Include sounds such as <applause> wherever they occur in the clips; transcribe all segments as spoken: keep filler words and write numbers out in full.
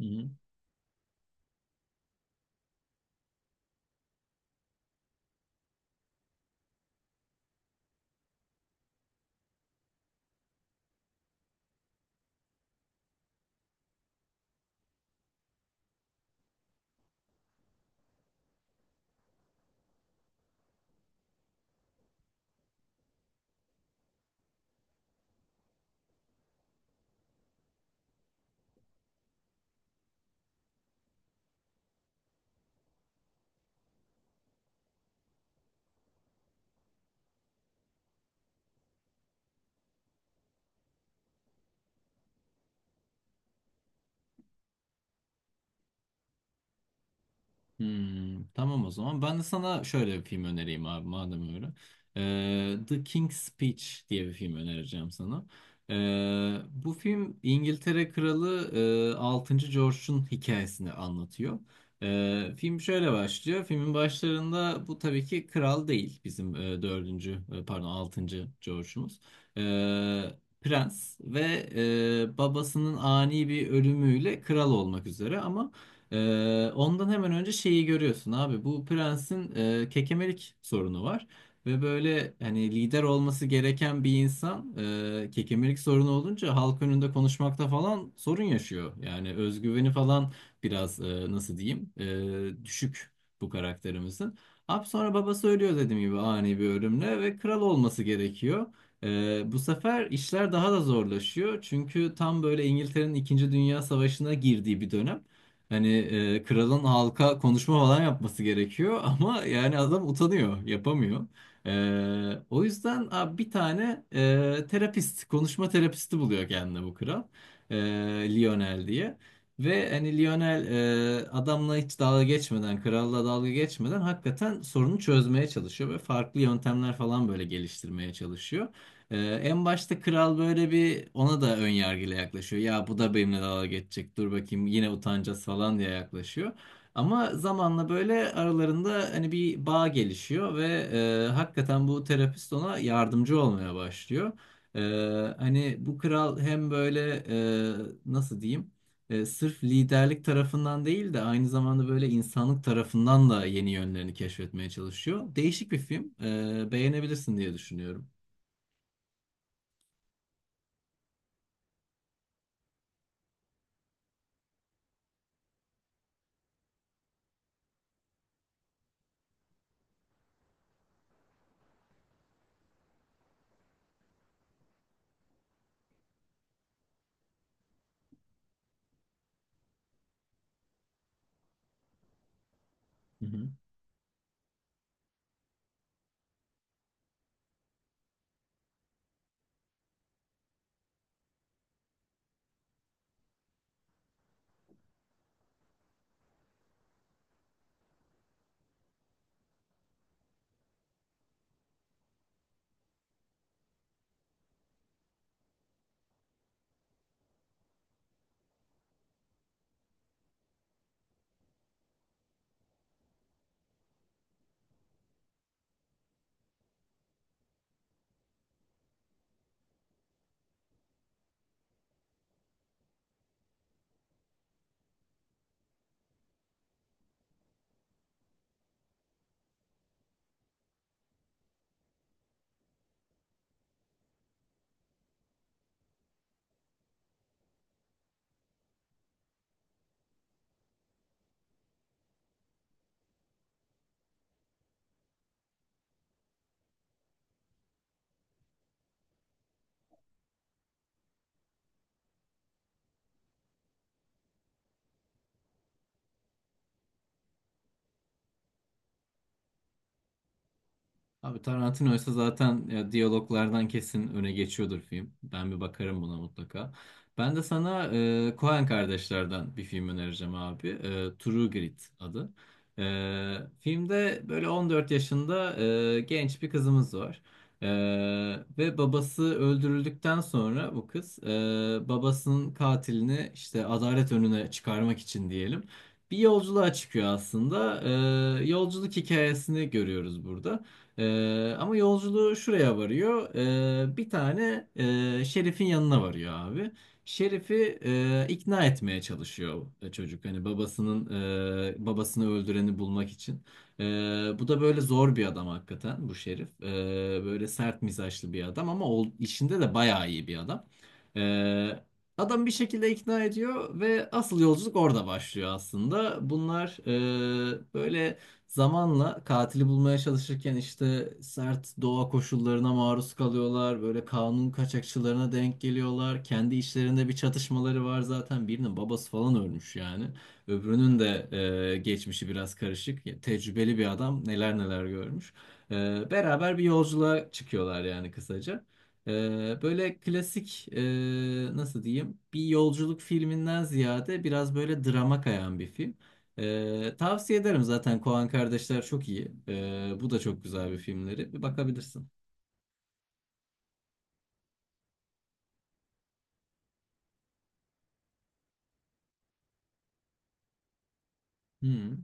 Hı hı. Hmm, tamam o zaman, ben de sana şöyle bir film önereyim abi madem öyle. Ee, The King's Speech diye bir film önereceğim sana. Ee, bu film İngiltere Kralı e, altıncı. George'un hikayesini anlatıyor. Ee, film şöyle başlıyor. Filmin başlarında bu tabii ki kral değil bizim e, dördüncü e, pardon altıncı George'umuz. Ee, Prens ve e, babasının ani bir ölümüyle kral olmak üzere ama Ee, ondan hemen önce şeyi görüyorsun abi. Bu prensin e, kekemelik sorunu var. Ve böyle hani lider olması gereken bir insan e, kekemelik sorunu olunca halk önünde konuşmakta falan sorun yaşıyor. Yani özgüveni falan biraz e, nasıl diyeyim e, düşük bu karakterimizin. Abi sonra babası ölüyor dediğim gibi ani bir ölümle ve kral olması gerekiyor. Ee, bu sefer işler daha da zorlaşıyor. Çünkü tam böyle İngiltere'nin İkinci Dünya Savaşı'na girdiği bir dönem. Hani e, kralın halka konuşma falan yapması gerekiyor <laughs> ama yani adam utanıyor, yapamıyor. E, o yüzden abi bir tane e, terapist, konuşma terapisti buluyor kendine bu kral. E, Lionel diye. Ve hani Lionel e, adamla hiç dalga geçmeden, kralla dalga geçmeden hakikaten sorunu çözmeye çalışıyor ve farklı yöntemler falan böyle geliştirmeye çalışıyor. Ee, En başta kral böyle bir ona da ön yargıyla yaklaşıyor. Ya bu da benimle dalga geçecek. Dur bakayım yine utanacağız falan diye yaklaşıyor. Ama zamanla böyle aralarında hani bir bağ gelişiyor ve e, hakikaten bu terapist ona yardımcı olmaya başlıyor. Ee, Hani bu kral hem böyle e, nasıl diyeyim? E, sırf liderlik tarafından değil de aynı zamanda böyle insanlık tarafından da yeni yönlerini keşfetmeye çalışıyor. Değişik bir film. Ee, beğenebilirsin diye düşünüyorum. Abi Tarantino ise zaten ya, diyaloglardan kesin öne geçiyordur film. Ben bir bakarım buna mutlaka. Ben de sana e, Coen kardeşlerden bir film önereceğim abi. E, True Grit adı. E, filmde böyle on dört yaşında e, genç bir kızımız var. E, Ve babası öldürüldükten sonra bu kız e, babasının katilini işte adalet önüne çıkarmak için diyelim. Bir yolculuğa çıkıyor aslında. E, yolculuk hikayesini görüyoruz burada. Ee, ama yolculuğu şuraya varıyor. Ee, bir tane e, Şerif'in yanına varıyor abi. Şerif'i e, ikna etmeye çalışıyor e, çocuk. Hani babasının e, babasını öldüreni bulmak için. Ee, Bu da böyle zor bir adam hakikaten bu Şerif. Ee, böyle sert mizaçlı bir adam ama o, işinde de bayağı iyi bir adam. Ee, Adam bir şekilde ikna ediyor ve asıl yolculuk orada başlıyor aslında. Bunlar e, böyle zamanla katili bulmaya çalışırken işte sert doğa koşullarına maruz kalıyorlar. Böyle kanun kaçakçılarına denk geliyorlar. Kendi içlerinde bir çatışmaları var zaten. Birinin babası falan ölmüş yani. Öbürünün de e, geçmişi biraz karışık. Ya, tecrübeli bir adam neler neler görmüş. E, Beraber bir yolculuğa çıkıyorlar yani kısaca. E, Böyle klasik e, nasıl diyeyim bir yolculuk filminden ziyade biraz böyle drama kayan bir film. Ee, tavsiye ederim zaten Koen kardeşler çok iyi. Ee, bu da çok güzel bir filmleri. Bir bakabilirsin. Hı.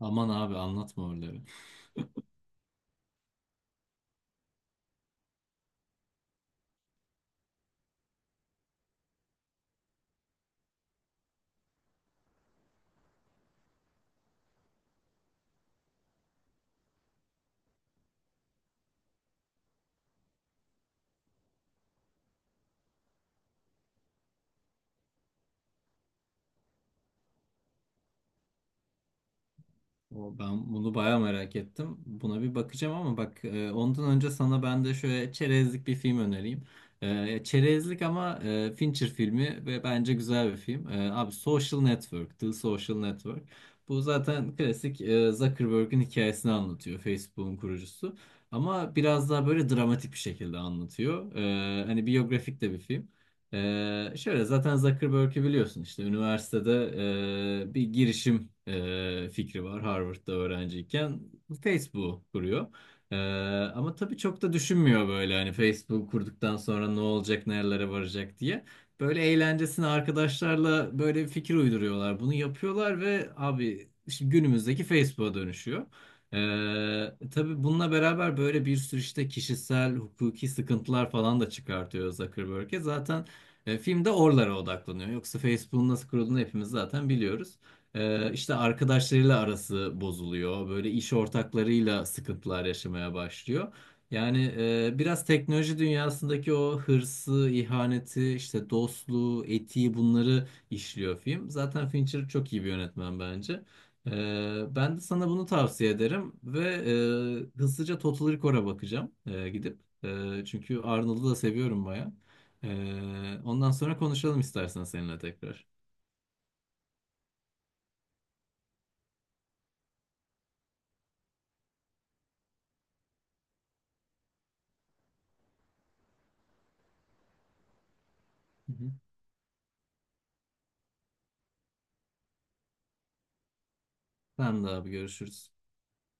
Aman abi anlatma öyle. O, ben bunu bayağı merak ettim. Buna bir bakacağım ama bak e, ondan önce sana ben de şöyle çerezlik bir film önereyim. E, çerezlik ama e, Fincher filmi ve bence güzel bir film. E, abi Social Network, The Social Network. Bu zaten klasik e, Zuckerberg'in hikayesini anlatıyor. Facebook'un kurucusu. Ama biraz daha böyle dramatik bir şekilde anlatıyor. E, hani biyografik de bir film. Ee, şöyle zaten Zuckerberg'i biliyorsun işte üniversitede e, bir girişim e, fikri var Harvard'da öğrenciyken Facebook'u kuruyor. Ee, Ama tabii çok da düşünmüyor böyle hani Facebook kurduktan sonra ne olacak nerelere varacak diye. Böyle eğlencesine arkadaşlarla böyle bir fikir uyduruyorlar. Bunu yapıyorlar ve abi şimdi günümüzdeki Facebook'a dönüşüyor. Ee, tabii bununla beraber böyle bir sürü işte kişisel, hukuki sıkıntılar falan da çıkartıyor Zuckerberg'e. Zaten e, film de oralara odaklanıyor. Yoksa Facebook'un nasıl kurulduğunu hepimiz zaten biliyoruz. E, işte arkadaşlarıyla arası bozuluyor. Böyle iş ortaklarıyla sıkıntılar yaşamaya başlıyor. Yani e, biraz teknoloji dünyasındaki o hırsı, ihaneti, işte dostluğu, etiği bunları işliyor film. Zaten Fincher çok iyi bir yönetmen bence. E, Ben de sana bunu tavsiye ederim ve e, hızlıca Total Recall'a bakacağım e, gidip. E, çünkü Arnold'u da seviyorum baya. Ee, ondan sonra konuşalım istersen seninle tekrar. Hı hı. Tamam da abi görüşürüz.